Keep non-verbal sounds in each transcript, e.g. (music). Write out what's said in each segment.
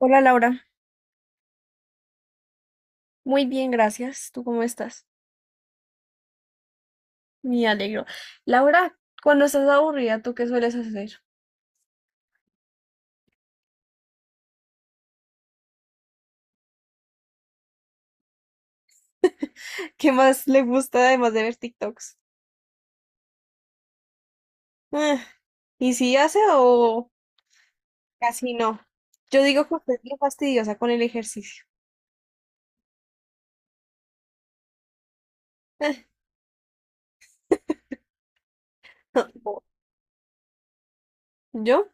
Hola Laura, muy bien, gracias. ¿Tú cómo estás? Me alegro. Laura, cuando estás aburrida, ¿tú qué sueles hacer? (laughs) ¿Qué más le gusta además de ver TikToks? Ah, ¿Y si hace o casi no? Yo digo que usted es bien fastidiosa con el ejercicio. Ah, (laughs) ¿Yo?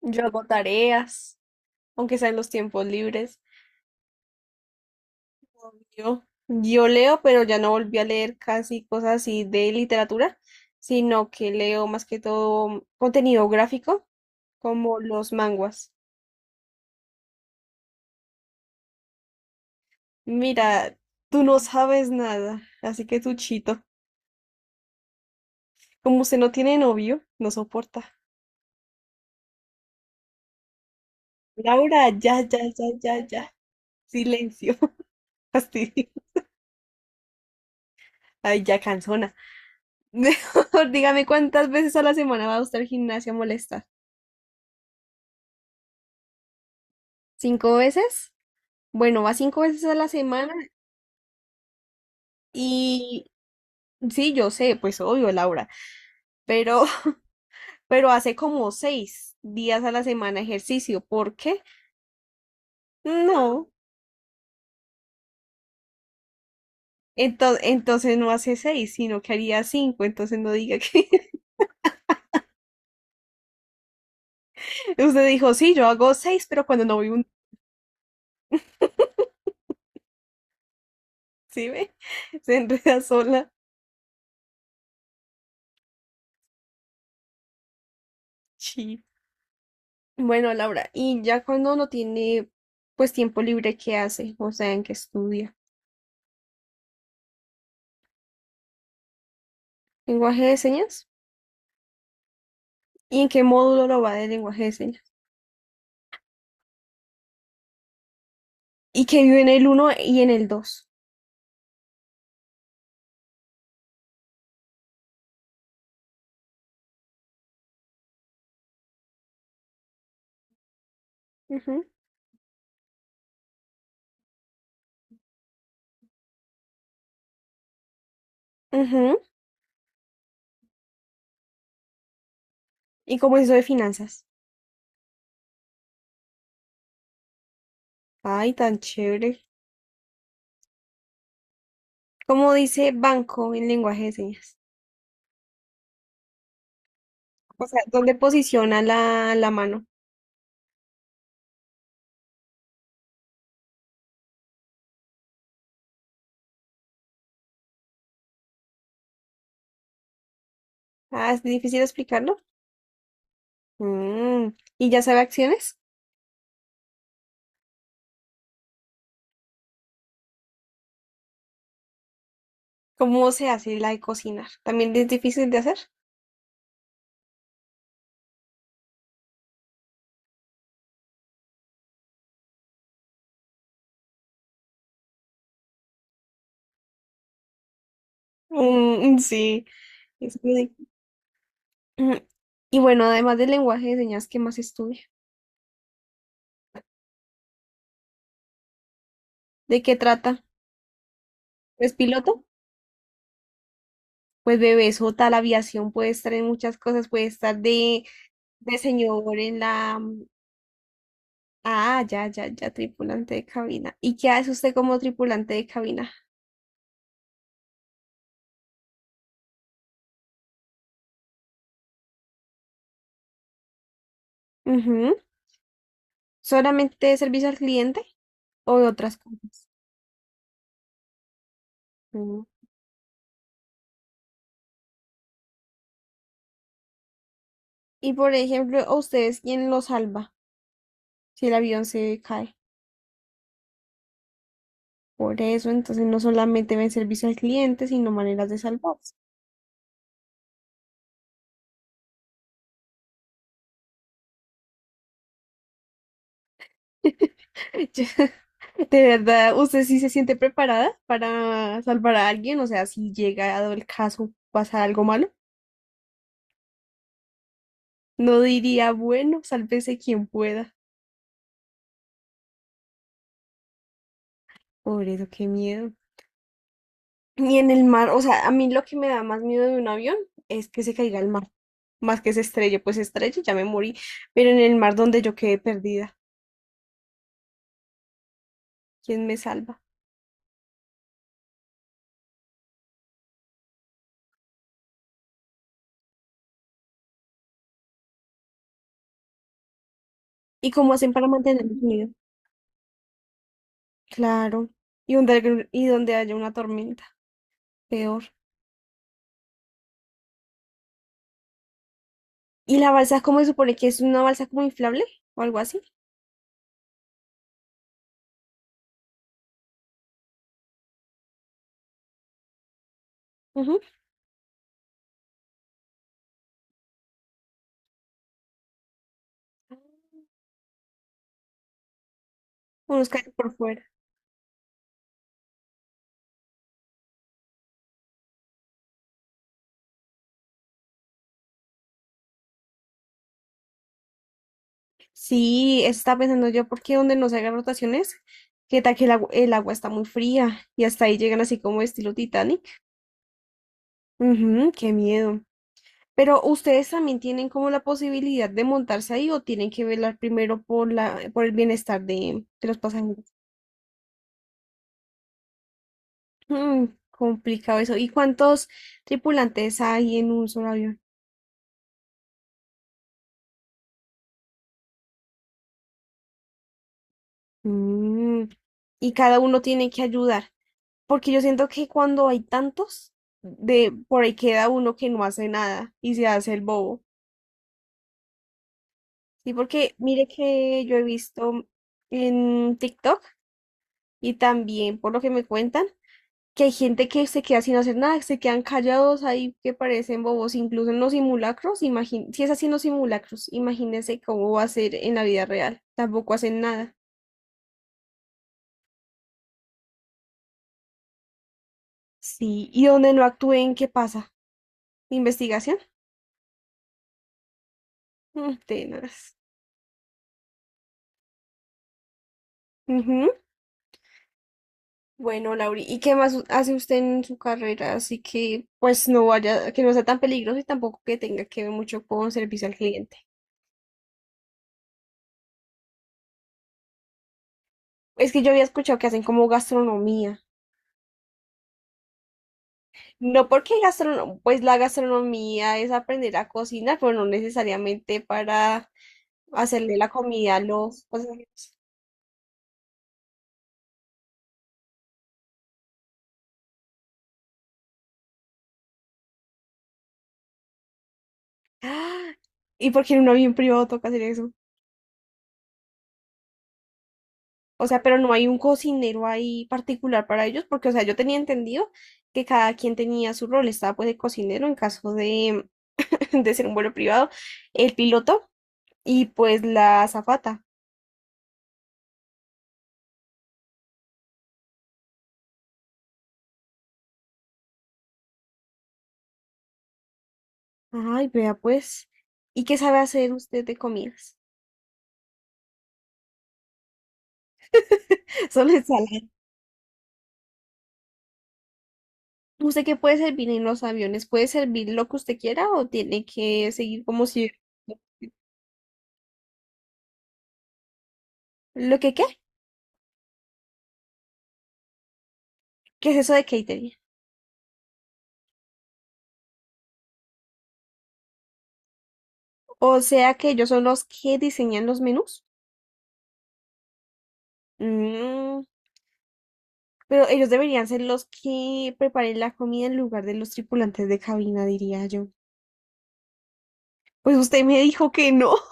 Yo hago tareas, aunque sea en los tiempos libres. Yo leo, pero ya no volví a leer casi cosas así de literatura, sino que leo más que todo contenido gráfico, como los manguas. Mira, tú no sabes nada, así que tú chito. Como usted no tiene novio, no soporta. Laura, ya, ya, ya, ya, ya. Silencio. (laughs) Fastidio. Ay, ya cansona. (laughs) Mejor dígame cuántas veces a la semana va usted al gimnasio a molestar. ¿Cinco veces? Bueno, va cinco veces a la semana. Y sí, yo sé, pues obvio, Laura, pero, (laughs) pero hace como seis días a la semana ejercicio. ¿Por qué? No. Entonces, no hace seis, sino que haría cinco. Entonces no diga que (laughs) usted dijo, sí, yo hago seis, pero cuando no voy un... ¿Sí ve? (laughs) Se enreda sola. Sí. Bueno, Laura, y ya cuando no tiene pues tiempo libre, ¿qué hace? O sea, ¿en qué estudia? ¿Lenguaje de señas? ¿Y en qué módulo lo va de lenguaje de señas? Y que vive en el uno y en el dos. Ujú, ujú. Y como eso de finanzas. Ay, tan chévere. ¿Cómo dice banco en lenguaje de señas? O sea, ¿dónde posiciona la mano? Ah, es difícil explicarlo. Mm, ¿y ya sabe acciones? ¿Cómo se hace la de cocinar? ¿También es difícil de hacer? Mm, (laughs) sí. es muy di- (clears throat) Mm, y bueno, además del lenguaje de señas, ¿qué más estudia? ¿De qué trata? ¿Es piloto? Pues bebé, eso, tal aviación, puede estar en muchas cosas, puede estar de señor en la, Ah, ya, ya, ya, tripulante de cabina. ¿Y qué hace usted como tripulante de cabina? Ujú. ¿Solamente servicio al cliente o otras cosas? Mm. Y por ejemplo, ¿a ustedes quién los salva si el avión se cae? Por eso, entonces no solamente ven servicio al cliente, sino maneras de salvarse. (laughs) Yo- De verdad, ¿usted sí se siente preparada para salvar a alguien? O sea, si llega a el caso, pasa algo malo. No diría, bueno, sálvese quien pueda. Por eso, qué miedo. Y en el mar, o sea, a mí lo que me da más miedo de un avión es que se caiga al mar, más que se estrelle, pues se estrelle, ya me morí, pero en el mar donde yo quedé perdida, ¿quién me salva? ¿Y cómo hacen para mantenerme unido? Claro, y donde haya una tormenta, peor. ¿Y la balsa, cómo se supone que es una balsa como inflable o algo así? Ujú. Unos caen por fuera. Sí, eso estaba pensando yo, porque donde no se hagan rotaciones, que tal que el el agua, está muy fría y hasta ahí llegan así como estilo Titanic. Ujú, qué miedo. Pero ustedes también tienen como la posibilidad de montarse ahí o tienen que velar primero por la, por el bienestar de los pasajeros. Mm, complicado eso. ¿Y cuántos tripulantes hay en un solo avión? Mm, y cada uno tiene que ayudar, porque yo siento que cuando hay tantos, de por ahí queda uno que no hace nada y se hace el bobo. Sí, porque mire que yo he visto en TikTok y también por lo que me cuentan que hay gente que se queda sin hacer nada, que se quedan callados ahí, que parecen bobos, incluso en los simulacros, si es así en los simulacros, imagínense cómo va a ser en la vida real, tampoco hacen nada. Sí, y donde no actúen, ¿qué pasa? ¿Investigación? (laughs) Mm, tenaz. Ujú. Bueno, Lauri, ¿y qué más hace usted en su carrera? Así que, pues, no vaya, que no sea tan peligroso y tampoco que tenga que ver mucho con servicio al cliente. Es que yo había escuchado que hacen como gastronomía. No porque pues la gastronomía es aprender a cocinar, pero no necesariamente para hacerle la comida a los pasajeros. ¡Ah! ¿Y porque en un avión privado toca hacer eso? O sea, pero no hay un cocinero ahí particular para ellos, porque, o sea, yo tenía entendido que cada quien tenía su rol. Estaba pues el cocinero en caso de, (laughs) de ser un vuelo privado, el piloto y pues la azafata. Ay, vea pues. ¿Y qué sabe hacer usted de comidas? (laughs) Solo ensalada. ¿Usted qué puede servir en los aviones? ¿Puede servir lo que usted quiera o tiene que seguir como si... ¿Lo que qué? ¿Qué es eso de catering? O sea que ellos son los que diseñan los menús. Mm, pero ellos deberían ser los que preparen la comida en lugar de los tripulantes de cabina, diría yo. Pues usted me dijo que no. (laughs)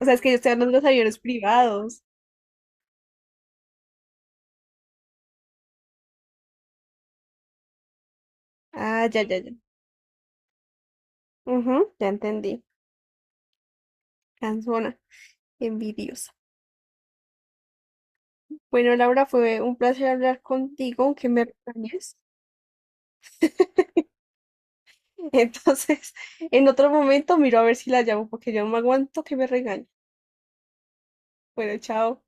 O sea, es que yo estoy hablando de los aviones privados. Ah, ya, ya, ya. Ujú, ya entendí. Cansona, envidiosa. Bueno, Laura, fue un placer hablar contigo, aunque me regañes. (laughs) Entonces, en otro momento miro a ver si la llamo porque yo no me aguanto que me regañe. Bueno, chao.